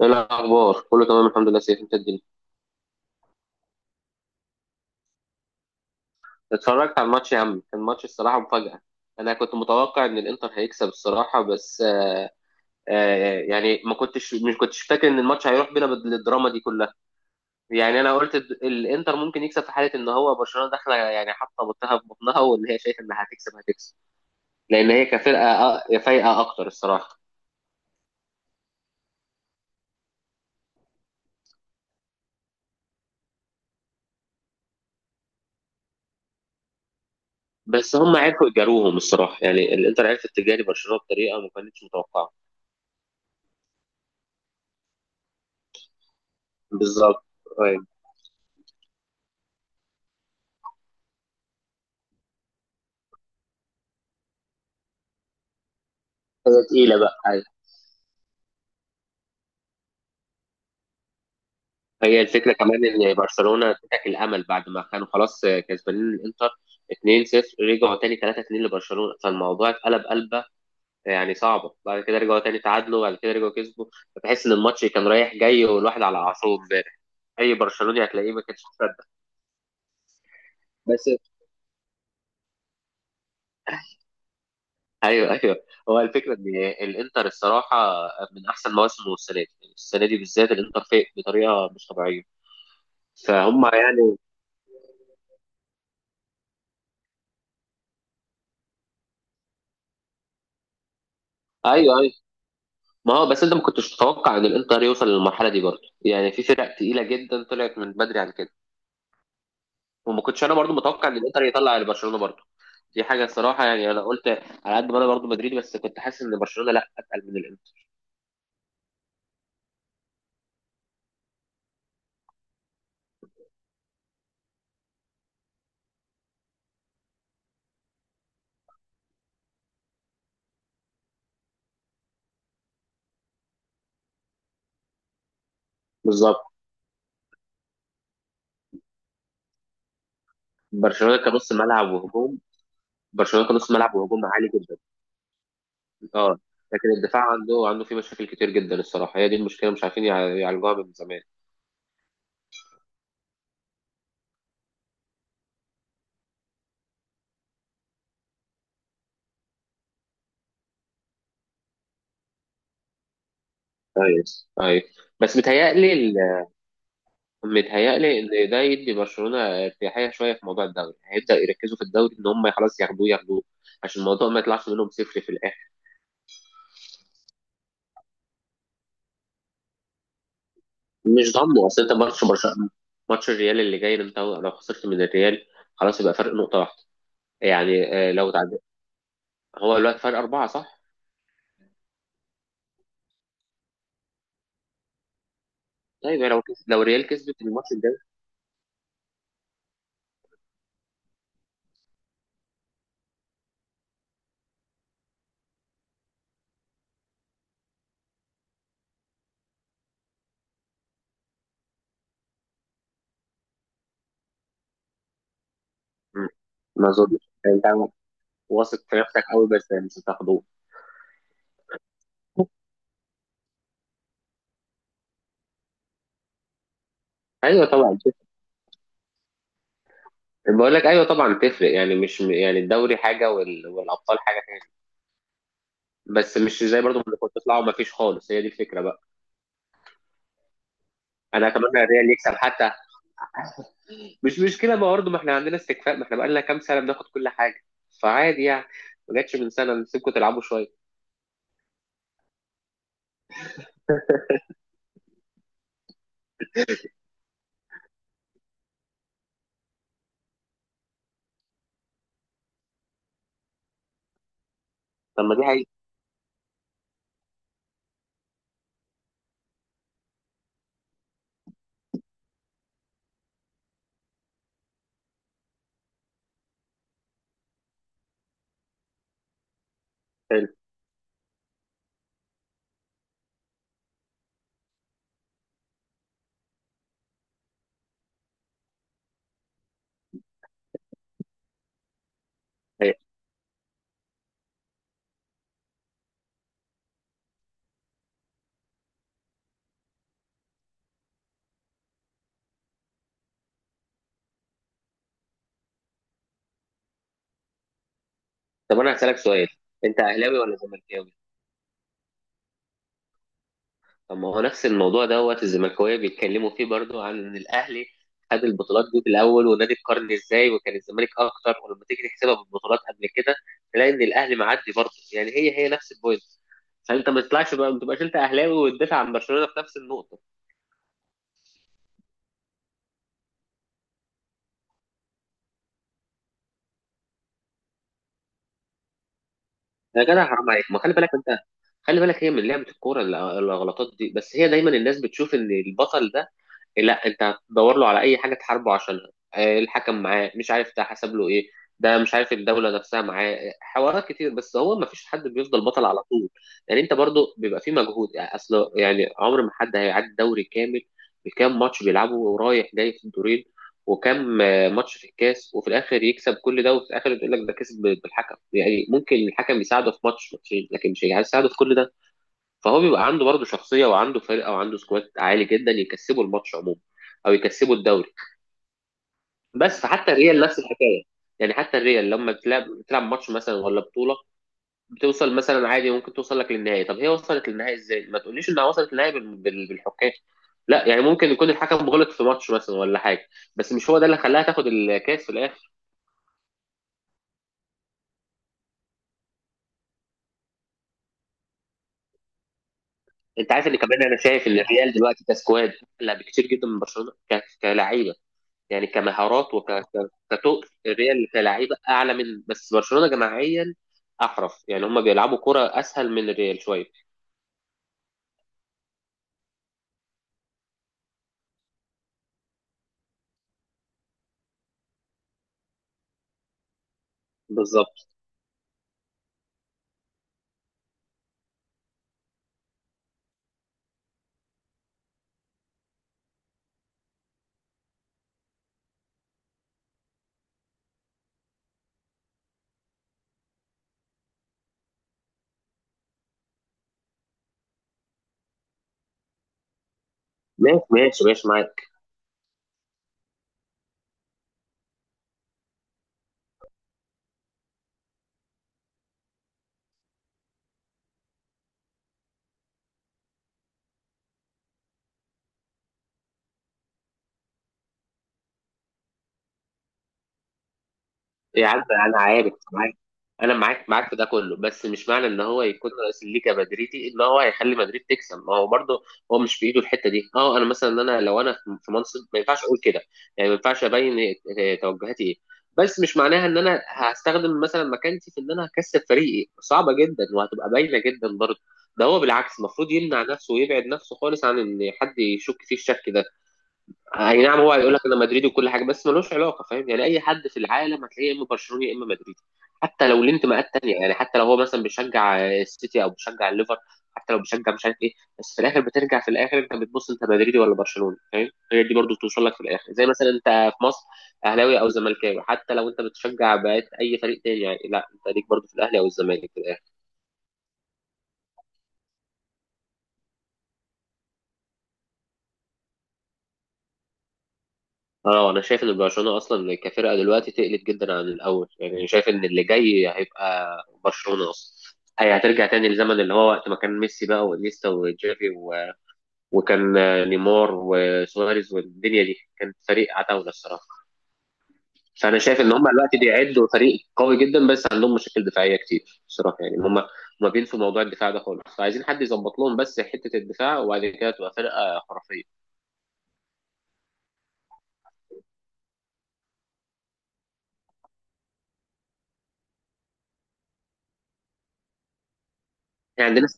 ايه الاخبار؟ كله تمام الحمد لله. سيف، انت الدنيا. اتفرجت على الماتش يا عم، كان ماتش الصراحه مفاجاه. انا كنت متوقع ان الانتر هيكسب الصراحه بس. آه يعني ما كنتش مش كنتش فاكر ان الماتش هيروح بينا بالدراما دي كلها. يعني انا قلت الانتر ممكن يكسب في حاله ان هو برشلونه داخله يعني حاطه بطها في بطنها، وان هي شايفه انها هتكسب هتكسب، لان هي كفرقه فايقه اكتر الصراحه. بس هم عرفوا يجاروهم الصراحه، يعني الانتر عرفت تجاري برشلونه بطريقه ما كانتش متوقعه. بالظبط، أيوة. هي تقيله بقى، أيوة. هي الفكره كمان ان برشلونه انتهك الامل بعد ما كانوا خلاص كسبانين الانتر 2-0، رجعوا تاني 3-2 لبرشلونه، فالموضوع اتقلب قلبه، يعني صعبه. بعد كده رجعوا تاني تعادلوا، بعد كده رجعوا كسبوا. فتحس ان الماتش كان رايح جاي، والواحد على اعصابه امبارح، اي برشلوني هتلاقيه ما كانش مصدق. بس ايوه ايوه. هو الفكره ان الانتر الصراحه من احسن مواسمه السنه دي، يعني السنه دي بالذات الانتر فايق بطريقه مش طبيعيه. فهم يعني. ايوه، أيوه. ما هو بس انت ما كنتش تتوقع ان الانتر يوصل للمرحله دي برضه، يعني في فرق تقيله جدا طلعت من بدري عن كده، وما كنتش انا برضه متوقع ان الانتر يطلع على برشلونه برضه. دي حاجه الصراحه. يعني انا قلت على قد ما انا برضه مدريدي بس كنت حاسس ان برشلونه لا اتقل من الانتر. بالظبط. برشلونه كنص ملعب وهجوم برشلونه كنص ملعب وهجوم عالي جدا. اه، لكن الدفاع عنده فيه مشاكل كتير جدا الصراحه، هي دي المشكله، مش عارفين يعالجوها من زمان. ايوه، ايوه. بس متهيألي إن ده يدي برشلونة ارتياحية شوية في موضوع الدوري، هيبدأ يركزوا في الدوري إن هم خلاص ياخدوه ياخدوه، عشان الموضوع ما يطلعش منهم صفر في الآخر. مش ضامنه، أصل أنت ماتش برشلونة، ماتش الريال اللي جاي ده، أنت لو خسرت من الريال خلاص يبقى فرق نقطة واحدة. يعني لو تعدي. هو دلوقتي فرق أربعة صح؟ طيب لو لو الريال كسبت الماتش الجاي. مم، ما أظنش. أنت واثق في نفسك قوي بس مش هتاخدوه. ايوه طبعا. بقول لك ايوه طبعا تفرق، يعني مش يعني الدوري حاجه والابطال حاجه. بس مش زي برضو ما اللي كنت تطلعوا، ما فيش خالص، هي دي الفكره بقى. انا اتمنى الريال يكسب حتى، مش مشكله بقى برضو، ما احنا عندنا استكفاء، ما احنا بقى لنا كام سنه بناخد كل حاجه، فعادي يعني. ما جاتش من سنه نسيبكم تلعبوا شويه. طب ما دي حقيقه. حلو. هي. طب انا هسالك سؤال، انت اهلاوي ولا زملكاوي؟ طب ما هو نفس الموضوع دوت الزملكاويه بيتكلموا فيه برضو، عن ان الاهلي خد البطولات دي في الاول، ونادي القرن ازاي، وكان الزمالك اكتر، ولما تيجي تحسبها بالبطولات قبل كده تلاقي ان الاهلي معدي برضو. يعني هي هي نفس البوينت. فانت ما تطلعش بقى، ما تبقاش انت اهلاوي وتدافع عن برشلونه في نفس النقطه. يا جدع حرام عليك، ما خلي بالك انت، خلي بالك هي من لعبه الكوره، الغلطات دي. بس هي دايما الناس بتشوف ان البطل ده، لا، انت هتدور له على اي حاجه تحاربه عشانها، الحكم معاه، مش عارف ده حسب له ايه، ده مش عارف الدوله نفسها معاه، حوارات كتير. بس هو ما فيش حد بيفضل بطل على طول. يعني انت برضو بيبقى في مجهود، يعني اصل يعني عمر ما حد هيعدي دوري كامل بكام ماتش بيلعبه ورايح جاي في الدورين، وكام ماتش في الكاس، وفي الاخر يكسب كل ده، وفي الاخر يقول لك ده كسب بالحكم. يعني ممكن الحكم يساعده في ماتش ماتشين لكن مش هيساعده في كل ده. فهو بيبقى عنده برضه شخصيه، وعنده فرقه، وعنده سكواد عالي جدا يكسبوا الماتش عموما، او يكسبوا الدوري. بس حتى الريال نفس الحكايه. يعني حتى الريال لما بتلعب، بتلعب ماتش مثلا ولا بطوله، بتوصل مثلا عادي، ممكن توصل لك للنهائي. طب هي وصلت للنهائي ازاي؟ ما تقوليش انها وصلت للنهائي بالحكام. لا يعني ممكن يكون الحكم غلط في ماتش مثلا ولا حاجه، بس مش هو ده اللي خلاها تاخد الكاس في الاخر. انت عارف ان كمان انا شايف ان الريال دلوقتي كسكواد لا بكتير جدا من برشلونه كلاعيبه. يعني كمهارات وكتوقف الريال كلعيبه اعلى من بس برشلونه جماعيا. احرف، يعني هم بيلعبوا كره اسهل من الريال شويه. بالظبط. ماشي ماشي ماشي معاك. إيه يا عم. انا عارف معاك. انا معاك معاك في ده كله، بس مش معنى ان هو يكون رئيس الليجا مدريدي ان هو هيخلي مدريد تكسب. ما هو برضه هو مش في ايده الحته دي. اه انا مثلا، انا لو انا في منصب ما ينفعش اقول كده. يعني ما ينفعش ابين توجهاتي ايه، بس مش معناها ان انا هستخدم مثلا مكانتي في ان انا هكسب فريقي، صعبه جدا وهتبقى باينه جدا برضه. ده هو بالعكس المفروض يمنع نفسه ويبعد نفسه خالص عن ان حد يشك فيه الشك ده. اي نعم هو هيقول لك انا مدريدي وكل حاجه، بس ملوش علاقه. فاهم يعني اي حد في العالم هتلاقيه يا اما برشلوني يا اما مدريدي، حتى لو ليه انتماءات تانيه. يعني حتى لو هو مثلا بيشجع السيتي او بيشجع الليفر، حتى لو بيشجع مش عارف ايه، بس في الاخر بترجع، في الاخر انت بتبص انت مدريدي ولا برشلوني. فاهم؟ هي دي برضو توصل لك في الاخر. زي مثلا انت في مصر اهلاوي او زملكاوي، حتى لو انت بتشجع بقيت اي فريق تاني، يعني لا، انت ليك برضو في الاهلي او الزمالك. اه انا شايف ان برشلونه اصلا كفرقه دلوقتي تقلت جدا عن الاول. يعني أنا شايف ان اللي جاي هيبقى برشلونه اصلا، هي هترجع تاني لزمن اللي هو وقت ما كان ميسي بقى وانيستا وجافي و... وكان نيمار وسواريز والدنيا دي، كان فريق عتاوله الصراحه. فانا شايف ان هم دلوقتي بيعدوا فريق قوي جدا بس عندهم مشاكل دفاعيه كتير الصراحه، يعني هم ما بينسوا موضوع الدفاع ده خالص، فعايزين حد يظبط لهم بس حته الدفاع، وبعد كده تبقى فرقه خرافيه. يعني عندنا.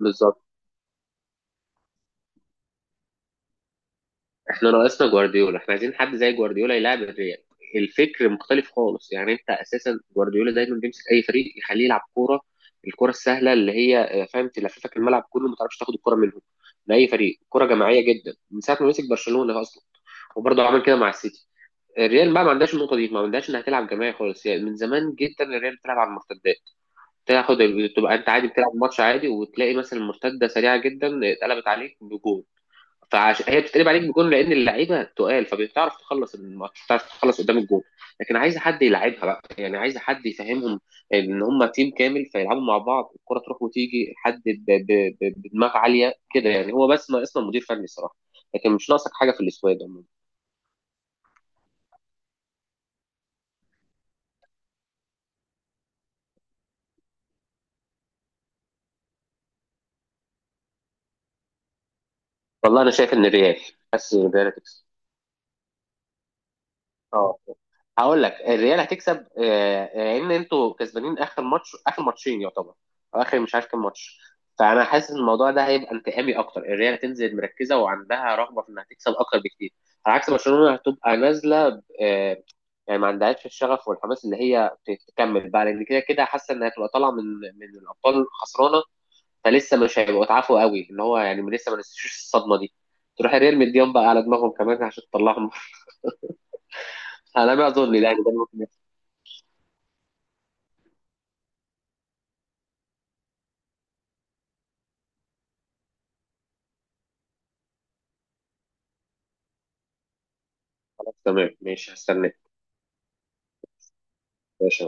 بالظبط، احنا ناقصنا جوارديولا، احنا عايزين حد زي جوارديولا يلعب الريال. الفكر مختلف خالص. يعني انت اساسا جوارديولا دايما بيمسك اي فريق يخليه يلعب كوره، الكوره السهله اللي هي فاهم، تلففك الملعب كله ما تعرفش تاخد الكوره منهم، من اي فريق، كوره جماعيه جدا من ساعه ما مسك برشلونه اصلا، وبرضه عمل كده مع السيتي. الريال بقى ما عندهاش النقطه دي، ما عندهاش انها تلعب جماعي خالص، يعني من زمان جدا الريال بتلعب على المرتدات. تاخد تبقى انت عادي بتلعب ماتش عادي، وتلاقي مثلا المرتده سريعه جدا اتقلبت عليك بجول. هي بتتقلب عليك بجون لان اللعيبه تقال، فبتعرف تخلص الماتش، بتعرف تخلص قدام الجون. لكن عايزه حد يلعبها بقى، يعني عايزه حد يفهمهم ان هم تيم كامل فيلعبوا مع بعض، الكره تروح وتيجي، حد بدماغ عاليه كده. يعني هو بس ناقصنا مدير فني الصراحه، لكن مش ناقصك حاجه في السكواد عموما. والله انا شايف ان الريال، بس الريال هتكسب. اه، هقول لك الريال هتكسب، لان انتوا كسبانين اخر ماتش، اخر ماتشين يعتبر، أو اخر مش عارف كام ماتش. فانا حاسس ان الموضوع ده هيبقى انتقامي اكتر، الريال هتنزل مركزه وعندها رغبه في انها تكسب اكتر بكتير، على عكس برشلونه هتبقى نازله يعني ما عندهاش الشغف والحماس اللي هي تكمل بقى، لان كده كده حاسه انها هتبقى طالعه من الابطال خسرانه. فلسه مش هيبقوا اتعافوا قوي، ان هو يعني لسه ما نسيوش الصدمه دي، تروح الريال مديهم بقى على دماغهم كمان عشان تطلعهم على ما اظن يعني ده. خلاص تمام ماشي هستناك. ماشي.